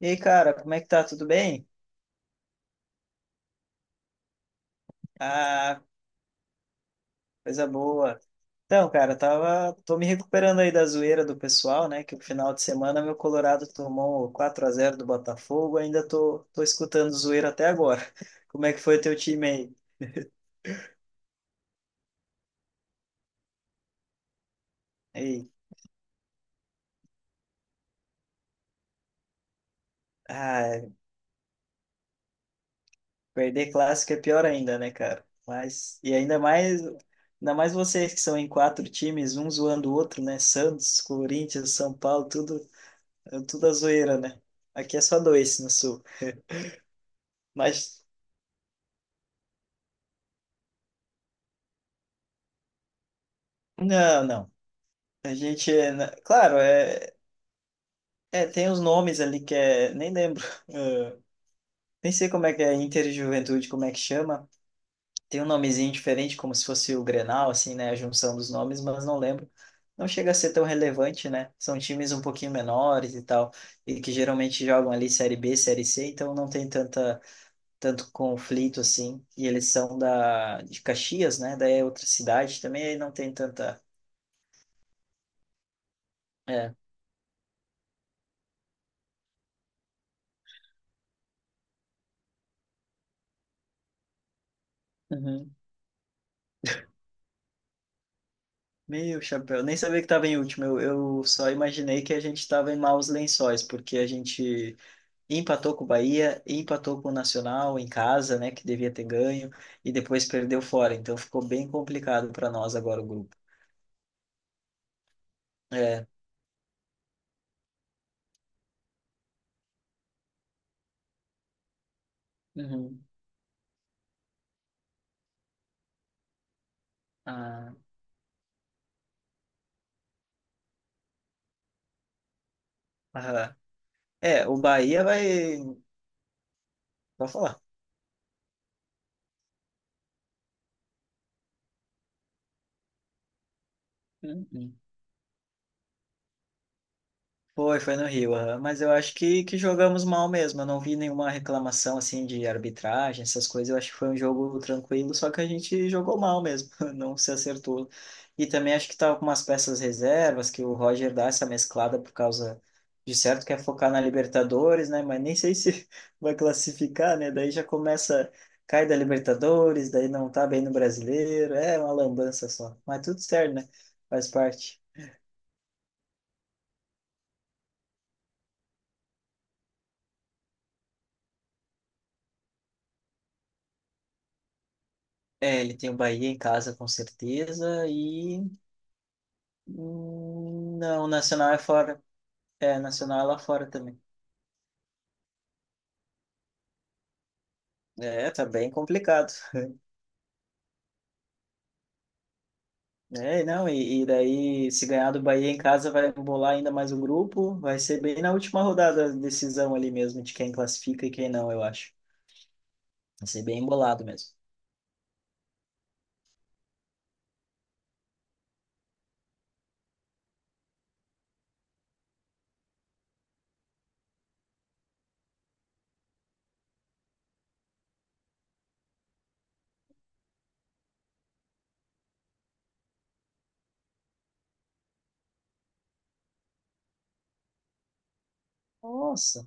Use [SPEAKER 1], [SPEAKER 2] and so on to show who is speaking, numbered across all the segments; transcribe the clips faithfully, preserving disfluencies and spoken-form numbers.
[SPEAKER 1] E aí, cara, como é que tá? Tudo bem? Ah, coisa boa. Então, cara, tava, tô me recuperando aí da zoeira do pessoal, né? Que o final de semana meu Colorado tomou quatro a zero do Botafogo, ainda tô, tô escutando zoeira até agora. Como é que foi o teu time aí? Aí, ah, perder clássico é pior ainda, né, cara? Mas e ainda mais, ainda mais vocês que são em quatro times, um zoando o outro, né? Santos, Corinthians, São Paulo, tudo, tudo a zoeira, né? Aqui é só dois no sul. Mas não, não. A gente, é na- claro, é, é, tem os nomes ali que é, nem lembro, eh, nem sei como é que é Interjuventude, como é que chama. Tem um nomezinho diferente, como se fosse o Grenal, assim, né, a junção dos nomes, mas não lembro. Não chega a ser tão relevante, né? São times um pouquinho menores e tal, e que geralmente jogam ali Série B, Série C, então não tem tanta, tanto conflito assim. E eles são da, de Caxias, né? Daí é outra cidade também, aí não tem tanta. É. Uhum. Meu chapéu, nem sabia que estava em último. Eu, eu só imaginei que a gente estava em maus lençóis, porque a gente empatou com o Bahia, empatou com o Nacional em casa, né, que devia ter ganho, e depois perdeu fora. Então ficou bem complicado para nós agora o grupo. É. Uhum. Ah, aham. É, o Bahia vai. Pode falar. Uhum. Foi, foi no Rio, aham. Mas eu acho que, que jogamos mal mesmo. Eu não vi nenhuma reclamação assim de arbitragem, essas coisas. Eu acho que foi um jogo tranquilo, só que a gente jogou mal mesmo, não se acertou. E também acho que tava com umas peças reservas, que o Roger dá essa mesclada por causa de certo quer focar na Libertadores, né? Mas nem sei se vai classificar, né? Daí já começa, cai da Libertadores, daí não tá bem no Brasileiro. É uma lambança só. Mas tudo certo, né? Faz parte. É, ele tem o Bahia em casa, com certeza, e... hum, não, o Nacional é fora. É, Nacional é lá fora também. É, tá bem complicado. É, não, e, e daí, se ganhar do Bahia em casa, vai bolar ainda mais o grupo. Vai ser bem na última rodada a decisão ali mesmo, de quem classifica e quem não, eu acho. Vai ser bem embolado mesmo. Nossa,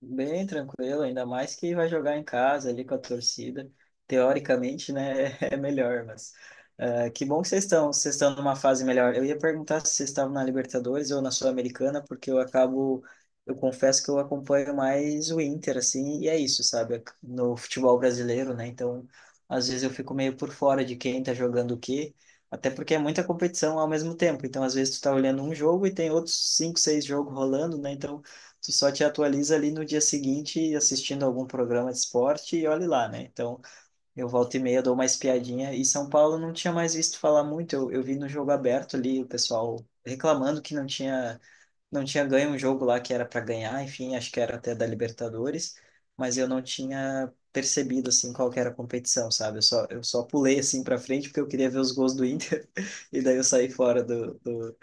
[SPEAKER 1] bem tranquilo, ainda mais que vai jogar em casa ali com a torcida. Teoricamente, né, é melhor, mas ah, que bom que vocês estão, vocês estão numa fase melhor. Eu ia perguntar se vocês estavam na Libertadores ou na Sul-Americana, porque eu acabo, eu confesso que eu acompanho mais o Inter, assim, e é isso, sabe, no futebol brasileiro, né? Então, às vezes eu fico meio por fora de quem tá jogando o quê, até porque é muita competição ao mesmo tempo. Então, às vezes tu tá olhando um jogo e tem outros cinco, seis jogos rolando, né? Então tu só te atualiza ali no dia seguinte assistindo algum programa de esporte e olhe lá, né? Então, eu volta e meia dou uma espiadinha. E São Paulo não tinha mais visto falar muito. Eu, eu vi no jogo aberto ali o pessoal reclamando que não tinha, não tinha ganho um jogo lá que era para ganhar, enfim, acho que era até da Libertadores, mas eu não tinha percebido assim qual que era a competição, sabe? Eu só, eu só pulei assim para frente porque eu queria ver os gols do Inter e daí eu saí fora do, do.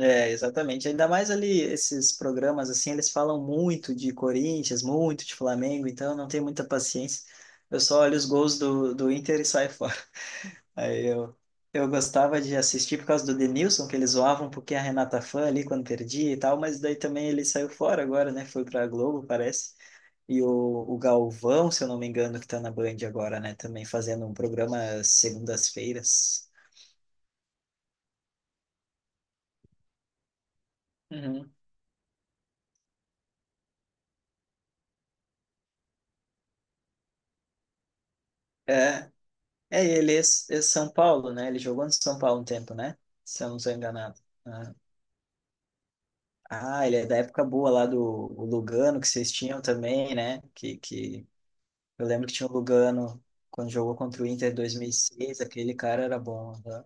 [SPEAKER 1] É, exatamente. Ainda mais ali esses programas assim, eles falam muito de Corinthians, muito de Flamengo, então eu não tenho muita paciência. Eu só olho os gols do, do Inter e saio fora. Aí eu, eu gostava de assistir por causa do Denilson, que eles zoavam um pouquinho a Renata Fã ali quando perdia e tal, mas daí também ele saiu fora agora, né? Foi pra Globo, parece. E o, o Galvão, se eu não me engano, que tá na Band agora, né? Também fazendo um programa às segundas-feiras. Uhum. É, é, ele é, S- é São Paulo, né? Ele jogou no São Paulo um tempo, né? Se eu não sou enganado. Ah, ah, ele é da época boa lá do o Lugano que vocês tinham também, né? Que, que eu lembro que tinha o Lugano quando jogou contra o Inter em dois mil e seis, aquele cara era bom. Né?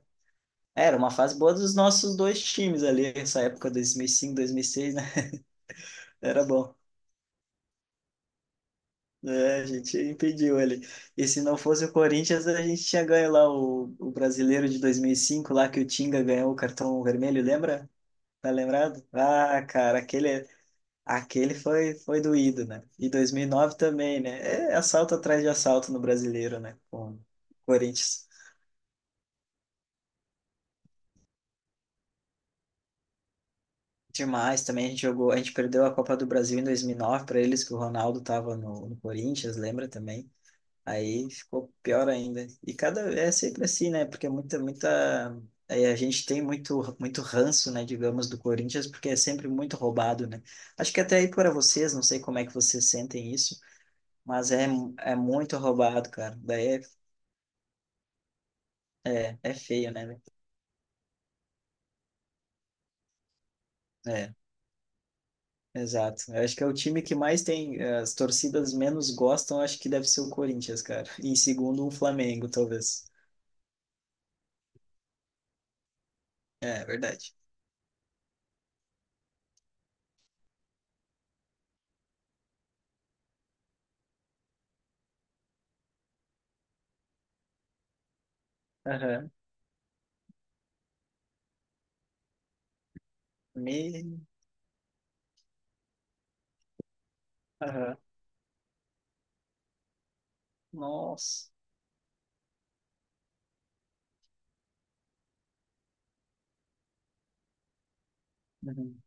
[SPEAKER 1] Era uma fase boa dos nossos dois times ali, essa época dois mil e cinco, dois mil e seis, né? Era bom. É, a gente impediu ele. E se não fosse o Corinthians, a gente tinha ganho lá o, o brasileiro de dois mil e cinco, lá que o Tinga ganhou o cartão vermelho, lembra? Tá lembrado? Ah, cara, aquele, aquele foi, foi doído, né? E dois mil e nove também, né? É assalto atrás de assalto no Brasileiro, né? Com o Corinthians. Demais também, a gente jogou, a gente perdeu a Copa do Brasil em dois mil e nove para eles, que o Ronaldo tava no, no Corinthians, lembra também? Aí ficou pior ainda. E cada, é sempre assim, né? Porque muita, muita, aí a gente tem muito, muito ranço, né, digamos, do Corinthians, porque é sempre muito roubado, né? Acho que até aí para vocês, não sei como é que vocês sentem isso. Mas é, é muito roubado, cara. Daí é, é, é feio, né? Velho? É, exato. Eu acho que é o time que mais tem, eh, as torcidas menos gostam, acho que deve ser o Corinthians, cara. E em segundo, o Flamengo, talvez. É, verdade. Aham. Me... Aham. Nossa. Uhum.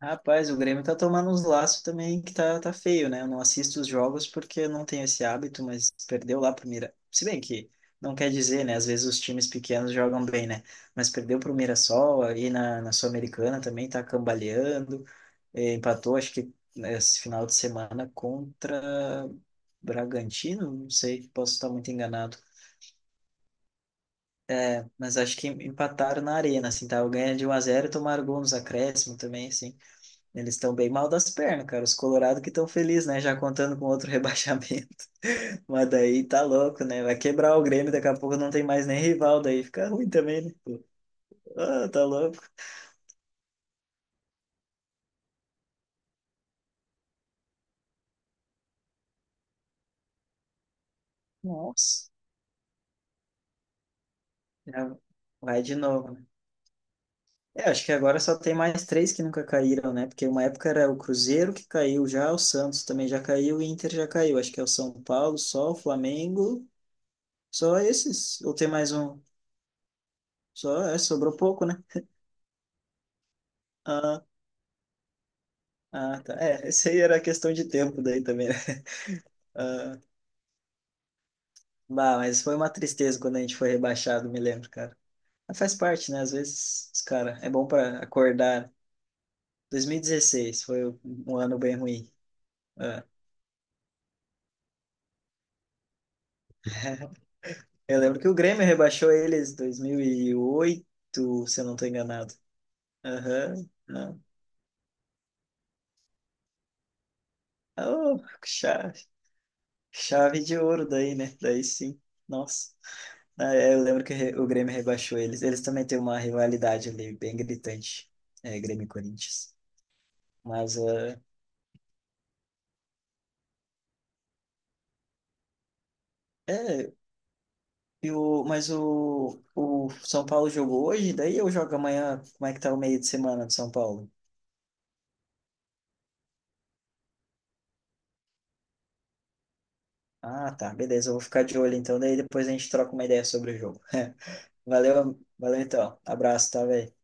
[SPEAKER 1] Rapaz, o Grêmio tá tomando uns laços também que tá, tá feio, né? Eu não assisto os jogos porque eu não tenho esse hábito, mas perdeu lá pro Mira. Se bem que não quer dizer, né? Às vezes os times pequenos jogam bem, né? Mas perdeu pro Mirassol, aí na, na Sul-Americana também tá cambaleando. Eh, Empatou, acho que né, esse final de semana contra Bragantino, não sei, posso estar muito enganado. Mas acho que empataram na arena, assim, tá? Ganha de um a zero e tomaram gol nos acréscimos também, assim. Eles estão bem mal das pernas, cara. Os Colorado que estão felizes, né? Já contando com outro rebaixamento. Mas daí tá louco, né? Vai quebrar o Grêmio, daqui a pouco não tem mais nem rival, daí fica ruim também, né? Ah, tá louco. Nossa. Já vai de novo, né? É, acho que agora só tem mais três que nunca caíram, né? Porque uma época era o Cruzeiro que caiu já, o Santos também já caiu, o Inter já caiu. Acho que é o São Paulo, só o Flamengo, só esses. Ou tem mais um? Só, é, sobrou pouco, né? Ah, ah, tá. É, esse aí era questão de tempo daí também, né? Ah, bah, mas foi uma tristeza quando a gente foi rebaixado, me lembro, cara. Mas faz parte, né? Às vezes, os cara, é bom para acordar. dois mil e dezesseis foi um ano bem ruim. Ah, eu lembro que o Grêmio rebaixou eles em dois mil e oito, se eu não estou enganado. Aham, não. Oh, chave, chave de ouro daí, né? Daí sim. Nossa. Ah, é, eu lembro que re- o Grêmio rebaixou eles. Eles também têm uma rivalidade ali, bem gritante. É, Grêmio e Corinthians. Mas, ah, é, e o, mas o, o São Paulo jogou hoje, daí eu jogo amanhã? Como é que tá o meio de semana de São Paulo? Ah, tá, beleza, eu vou ficar de olho então, daí depois a gente troca uma ideia sobre o jogo. Valeu, valeu então. Abraço, tá, velho?